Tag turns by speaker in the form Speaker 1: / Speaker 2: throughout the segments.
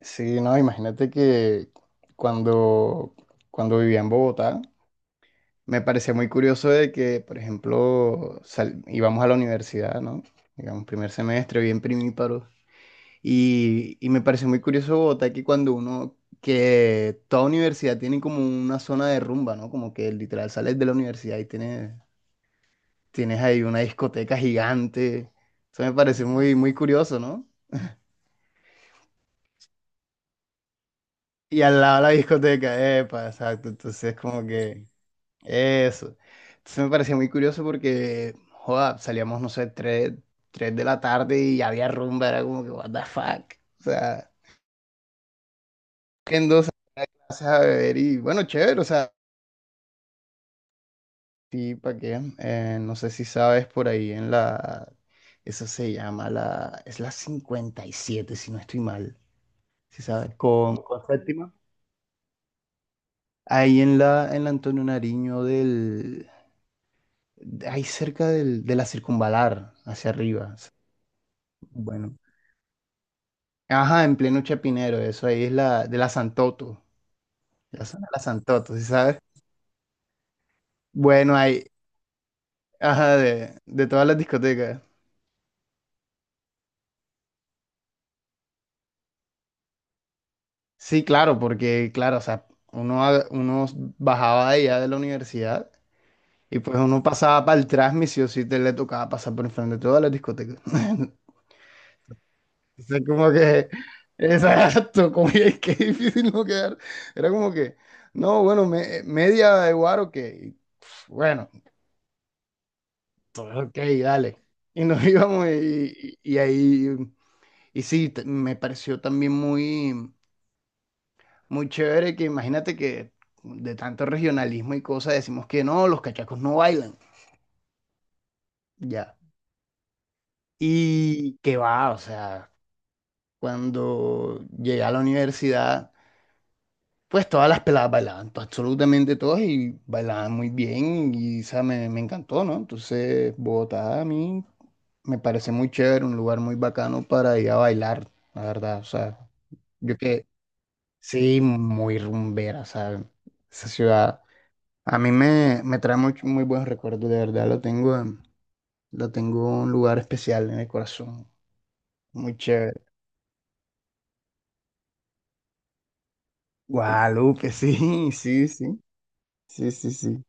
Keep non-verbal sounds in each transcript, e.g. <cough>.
Speaker 1: Sí, no, imagínate que cuando, cuando vivía en Bogotá, me parecía muy curioso de que, por ejemplo, íbamos a la universidad, ¿no? Digamos, primer semestre, bien primíparos. Y me pareció muy curioso Bogotá que cuando uno, que toda universidad tiene como una zona de rumba, ¿no? Como que literal sales de la universidad y tienes ahí una discoteca gigante. Eso me parece muy, muy curioso, ¿no? Y al lado de la discoteca, epa, exacto. Entonces, como que... Eso. Entonces me parecía muy curioso porque, joda, salíamos, no sé, tres de la tarde y había rumba, era como que, what the fuck. O sea, en dos clases a beber y bueno, chévere, o sea, sí, ¿para qué? No sé si sabes por ahí en eso se llama la, es la 57 si no estoy mal, si sabes, con séptima. Ahí en la Antonio Nariño del, ahí cerca del, de la circunvalar, hacia arriba. Bueno. Ajá, en pleno Chapinero, eso ahí es la de la Santoto, la zona de la Santoto, ¿sí sabes? Bueno, ahí, ajá, de todas las discotecas. Sí, claro, porque, claro, o sea, uno, uno bajaba de allá de la universidad y pues uno pasaba para el transmisio, sí o sí te le tocaba pasar por enfrente de todas las discotecas. <laughs> O sea, como que, exacto, como que <laughs> qué difícil no quedar. Era como que, no, bueno, media de guaro que, bueno. Ok, dale. Y nos <laughs> íbamos y, y ahí, y sí, me pareció también muy, muy chévere que imagínate que de tanto regionalismo y cosas decimos que no, los cachacos no bailan, ya. Y que va, o sea, cuando llegué a la universidad, pues todas las peladas bailaban, absolutamente todas y bailaban muy bien y, o sea, me encantó, ¿no? Entonces, Bogotá a mí me parece muy chévere, un lugar muy bacano para ir a bailar, la verdad, o sea. Yo que sí, muy rumbera, ¿sabes? Esa ciudad a mí me, me trae muy, muy buenos recuerdos, de verdad. Lo tengo, lo tengo en un lugar especial en el corazón. Muy chévere. Guadalupe, <laughs> sí, sí, sí, sí, sí, sí.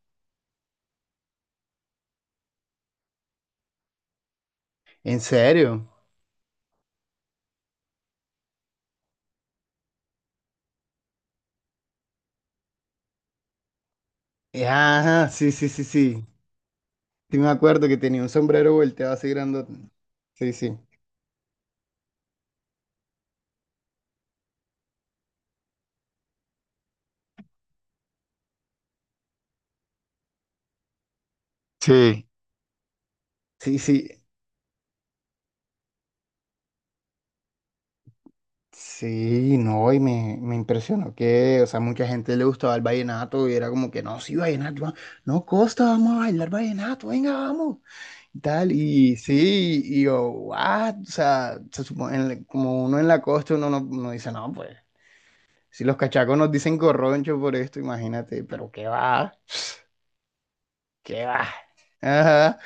Speaker 1: ¿En serio? Ajá, sí, sí, sí, sí. Sí me acuerdo que tenía un sombrero volteado así grandote. Sí, sí. Sí. Sí, sí. Sí, no, y me impresionó que, o sea, mucha gente le gustaba el vallenato y era como que, no, sí, vallenato, no, Costa, vamos a bailar vallenato, venga, vamos, y tal, y sí, y yo, what, o sea, se supone, en como uno en la costa, uno no, uno dice, no, pues, si los cachacos nos dicen corroncho por esto, imagínate, pero qué va, ¿qué va? Ajá.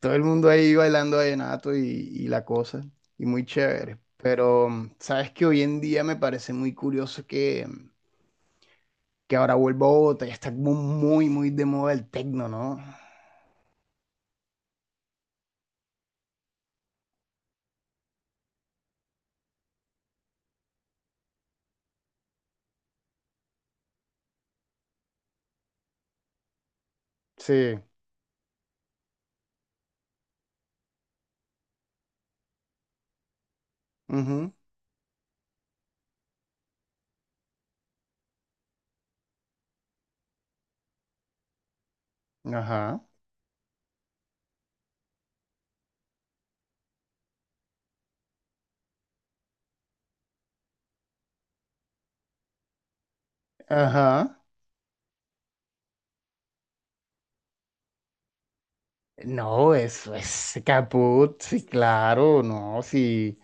Speaker 1: Todo el mundo ahí bailando vallenato y la cosa. Y muy chévere. Pero sabes que hoy en día me parece muy curioso que, que ahora vuelva a Bogotá. Ya está como muy, muy de moda el tecno, ¿no? Sí. Ujú. Ajá. Ajá. No, eso es caput. Sí, claro. No, sí.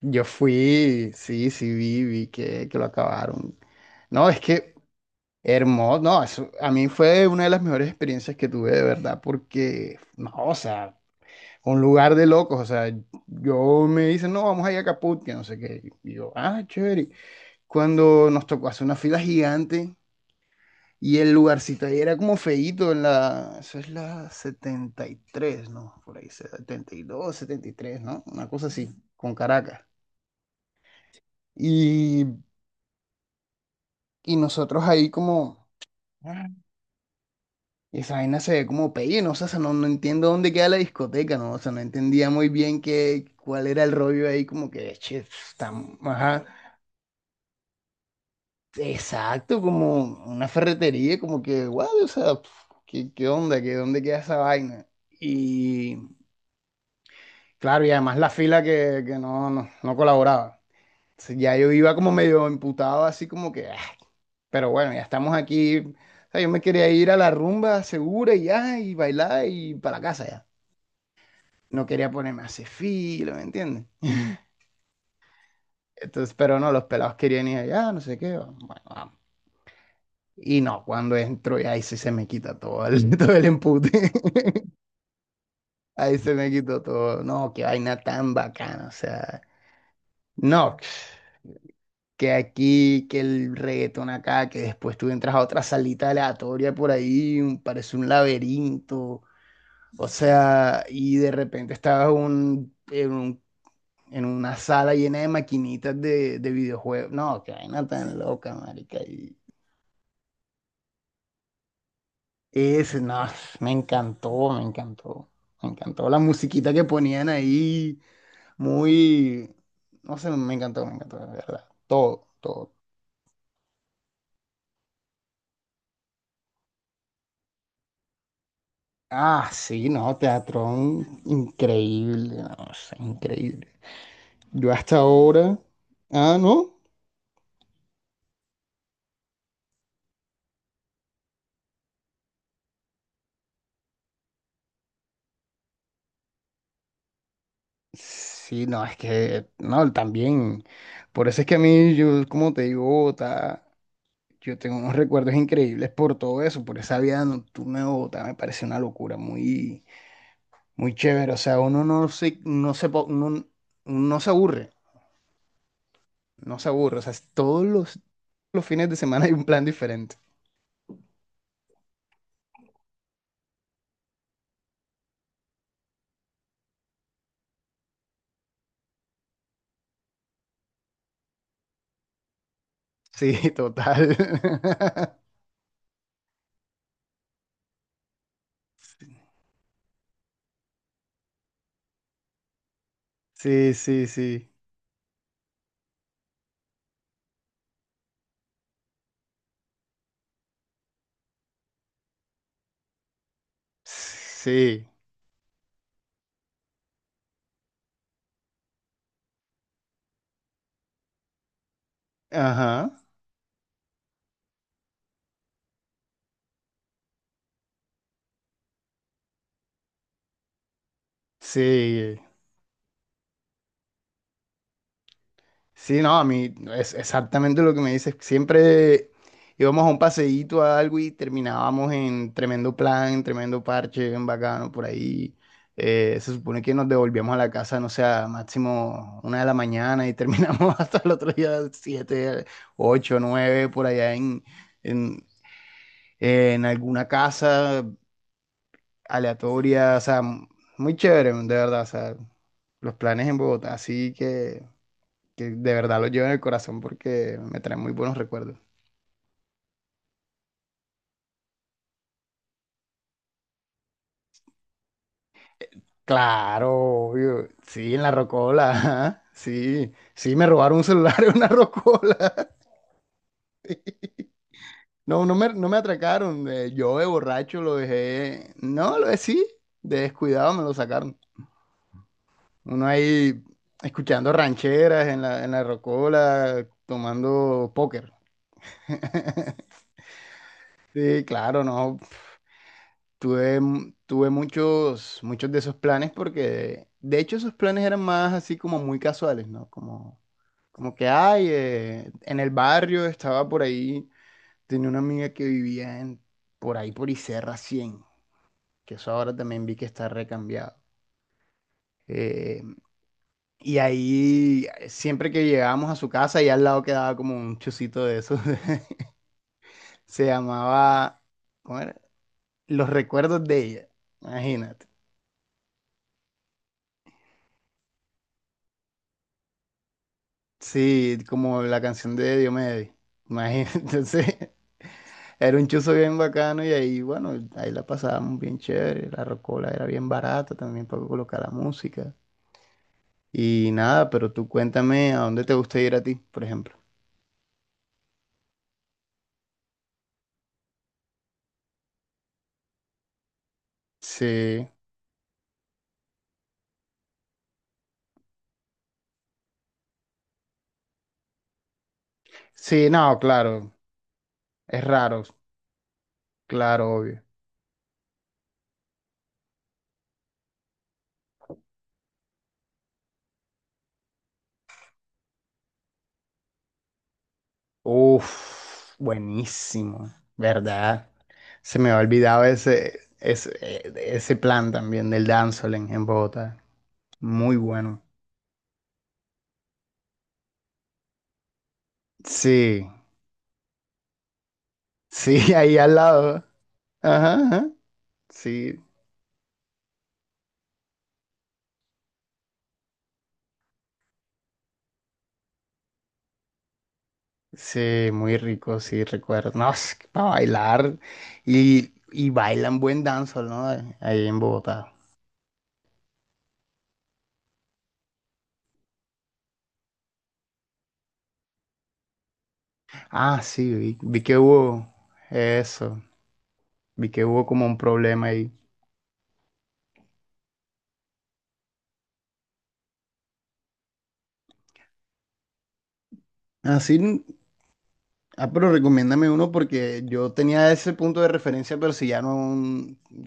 Speaker 1: Yo fui. Sí, sí, vi, vi que lo acabaron. No, es que. Hermoso, no, a mí fue una de las mejores experiencias que tuve de verdad, porque, no, o sea, un lugar de locos, o sea, yo me dicen, no, vamos a ir a Caput, que no sé qué, y yo, ah, chévere, cuando nos tocó hacer una fila gigante y el lugarcito ahí era como feíto, en la, eso es la 73, ¿no? Por ahí, 70 72 73, ¿no? Una cosa así, con Caracas, y, y nosotros ahí como... Y esa vaina se ve como pelle, ¿no? O sea, no, no entiendo dónde queda la discoteca, ¿no? O sea, no entendía muy bien qué, cuál era el rollo ahí, como que, che, está, ajá, exacto, como una ferretería, como que, guau, o sea, pf, ¿qué, qué onda? ¿Qué, dónde queda esa vaina? Y, claro, y además la fila que no, no, no colaboraba. Entonces, ya yo iba como medio emputado, así como que, ah, pero bueno, ya estamos aquí. O sea, yo me quería ir a la rumba segura y ya, y bailar y para la casa ya. No quería ponerme a hacer filo, ¿me entiendes? Entonces, pero no, los pelados querían ir allá, no sé qué, bueno, vamos. Y no, cuando entro, y ahí sí se me quita todo el, <laughs> todo el empute. <laughs> Ahí se me quitó todo. No, qué vaina tan bacana, o sea, no, que aquí, que el reggaetón acá, que después tú entras a otra salita aleatoria por ahí, parece un laberinto. O sea, y de repente estabas en un en una sala llena de maquinitas de videojuegos. No, qué vaina tan loca, marica. Y ese, no, me encantó, me encantó. Me encantó la musiquita que ponían ahí, muy, no sé, me encantó, de verdad. Todo, todo. Ah, sí, no, teatrón increíble, no, sé, increíble. Yo hasta ahora, ah, no, sí, no, es que, no, también, por eso es que a mí, yo, como te digo, yo tengo unos recuerdos increíbles por todo eso, por esa vida nocturna de Bogotá, me parece una locura, muy, muy chévere. O sea, uno no se, no se, no, no se aburre, no se aburre. O sea, todos los fines de semana hay un plan diferente. Sí, <laughs> total. <laughs> Sí, sí, sí. Sí. Ajá. Sí. Sí, no, a mí es exactamente lo que me dices. Siempre íbamos a un paseíto a algo y terminábamos en tremendo plan, en tremendo parche, bien bacano por ahí. Se supone que nos devolvíamos a la casa, no sé, a máximo una de la mañana y terminamos <laughs> hasta el otro día, siete, ocho, nueve, por allá en, en alguna casa aleatoria. O sea, muy chévere, de verdad. O sea, los planes en Bogotá, así que de verdad lo llevo en el corazón porque me trae muy buenos recuerdos. Claro, obvio. Sí, en la rocola. Ajá, sí, sí, me robaron un celular en una rocola. <laughs> Sí. No, no me, no me atracaron. Yo de borracho lo dejé. No, lo decí. De descuidado me lo sacaron. Uno ahí escuchando rancheras en la rocola, tomando póker. <laughs> Sí, claro, no. Tuve, tuve muchos, muchos de esos planes porque, de hecho, esos planes eran más así como muy casuales, ¿no? Como, como que, ay, en el barrio estaba por ahí, tenía una amiga que vivía en, por ahí por Iserra 100 que eso ahora también vi que está recambiado. Eh, y ahí, siempre que llegábamos a su casa, y al lado quedaba como un chocito de esos, <laughs> se llamaba, ¿cómo era? Los recuerdos de ella, imagínate. Sí, como la canción de Diomedes. Imagínate, <laughs> entonces era un chuzo bien bacano y ahí, bueno, ahí la pasábamos bien chévere. La rocola era bien barata también para colocar la música. Y nada, pero tú cuéntame a dónde te gusta ir a ti, por ejemplo. Sí, sí, no, claro, es raro, claro, obvio. Uf, buenísimo, ¿verdad? Se me ha olvidado ese, ese, ese plan también del dancehall en Bogotá. Muy bueno. Sí, sí, <laughs> ahí al lado. Ajá, ajá. Sí, sí, muy rico, sí, recuerdo. No, es que para bailar. Y bailan buen danzol, ¿no? Ahí en Bogotá. Ah, sí, vi, vi que hubo eso. Vi que hubo como un problema ahí. Así, ah, pero recomiéndame uno porque yo tenía ese punto de referencia, pero si ya no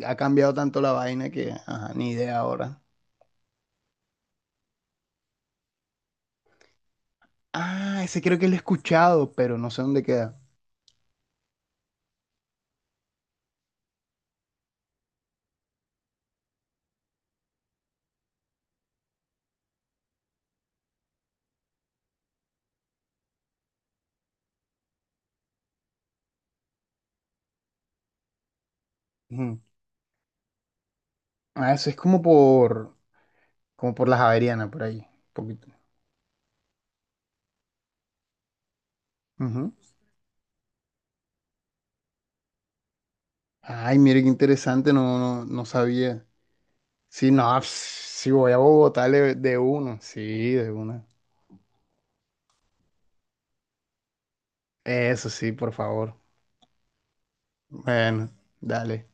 Speaker 1: ha cambiado tanto la vaina que, ajá, ni idea ahora. Ah, ese creo que lo he escuchado, pero no sé dónde queda. Ujú. Ah, eso es como por, como por la Javeriana, por ahí, un poquito. Ujú. Ay, mire qué interesante, no, no, no sabía. Sí, no, pss, sí voy a Bogotá de uno, sí, de una. Eso sí, por favor. Bueno, dale.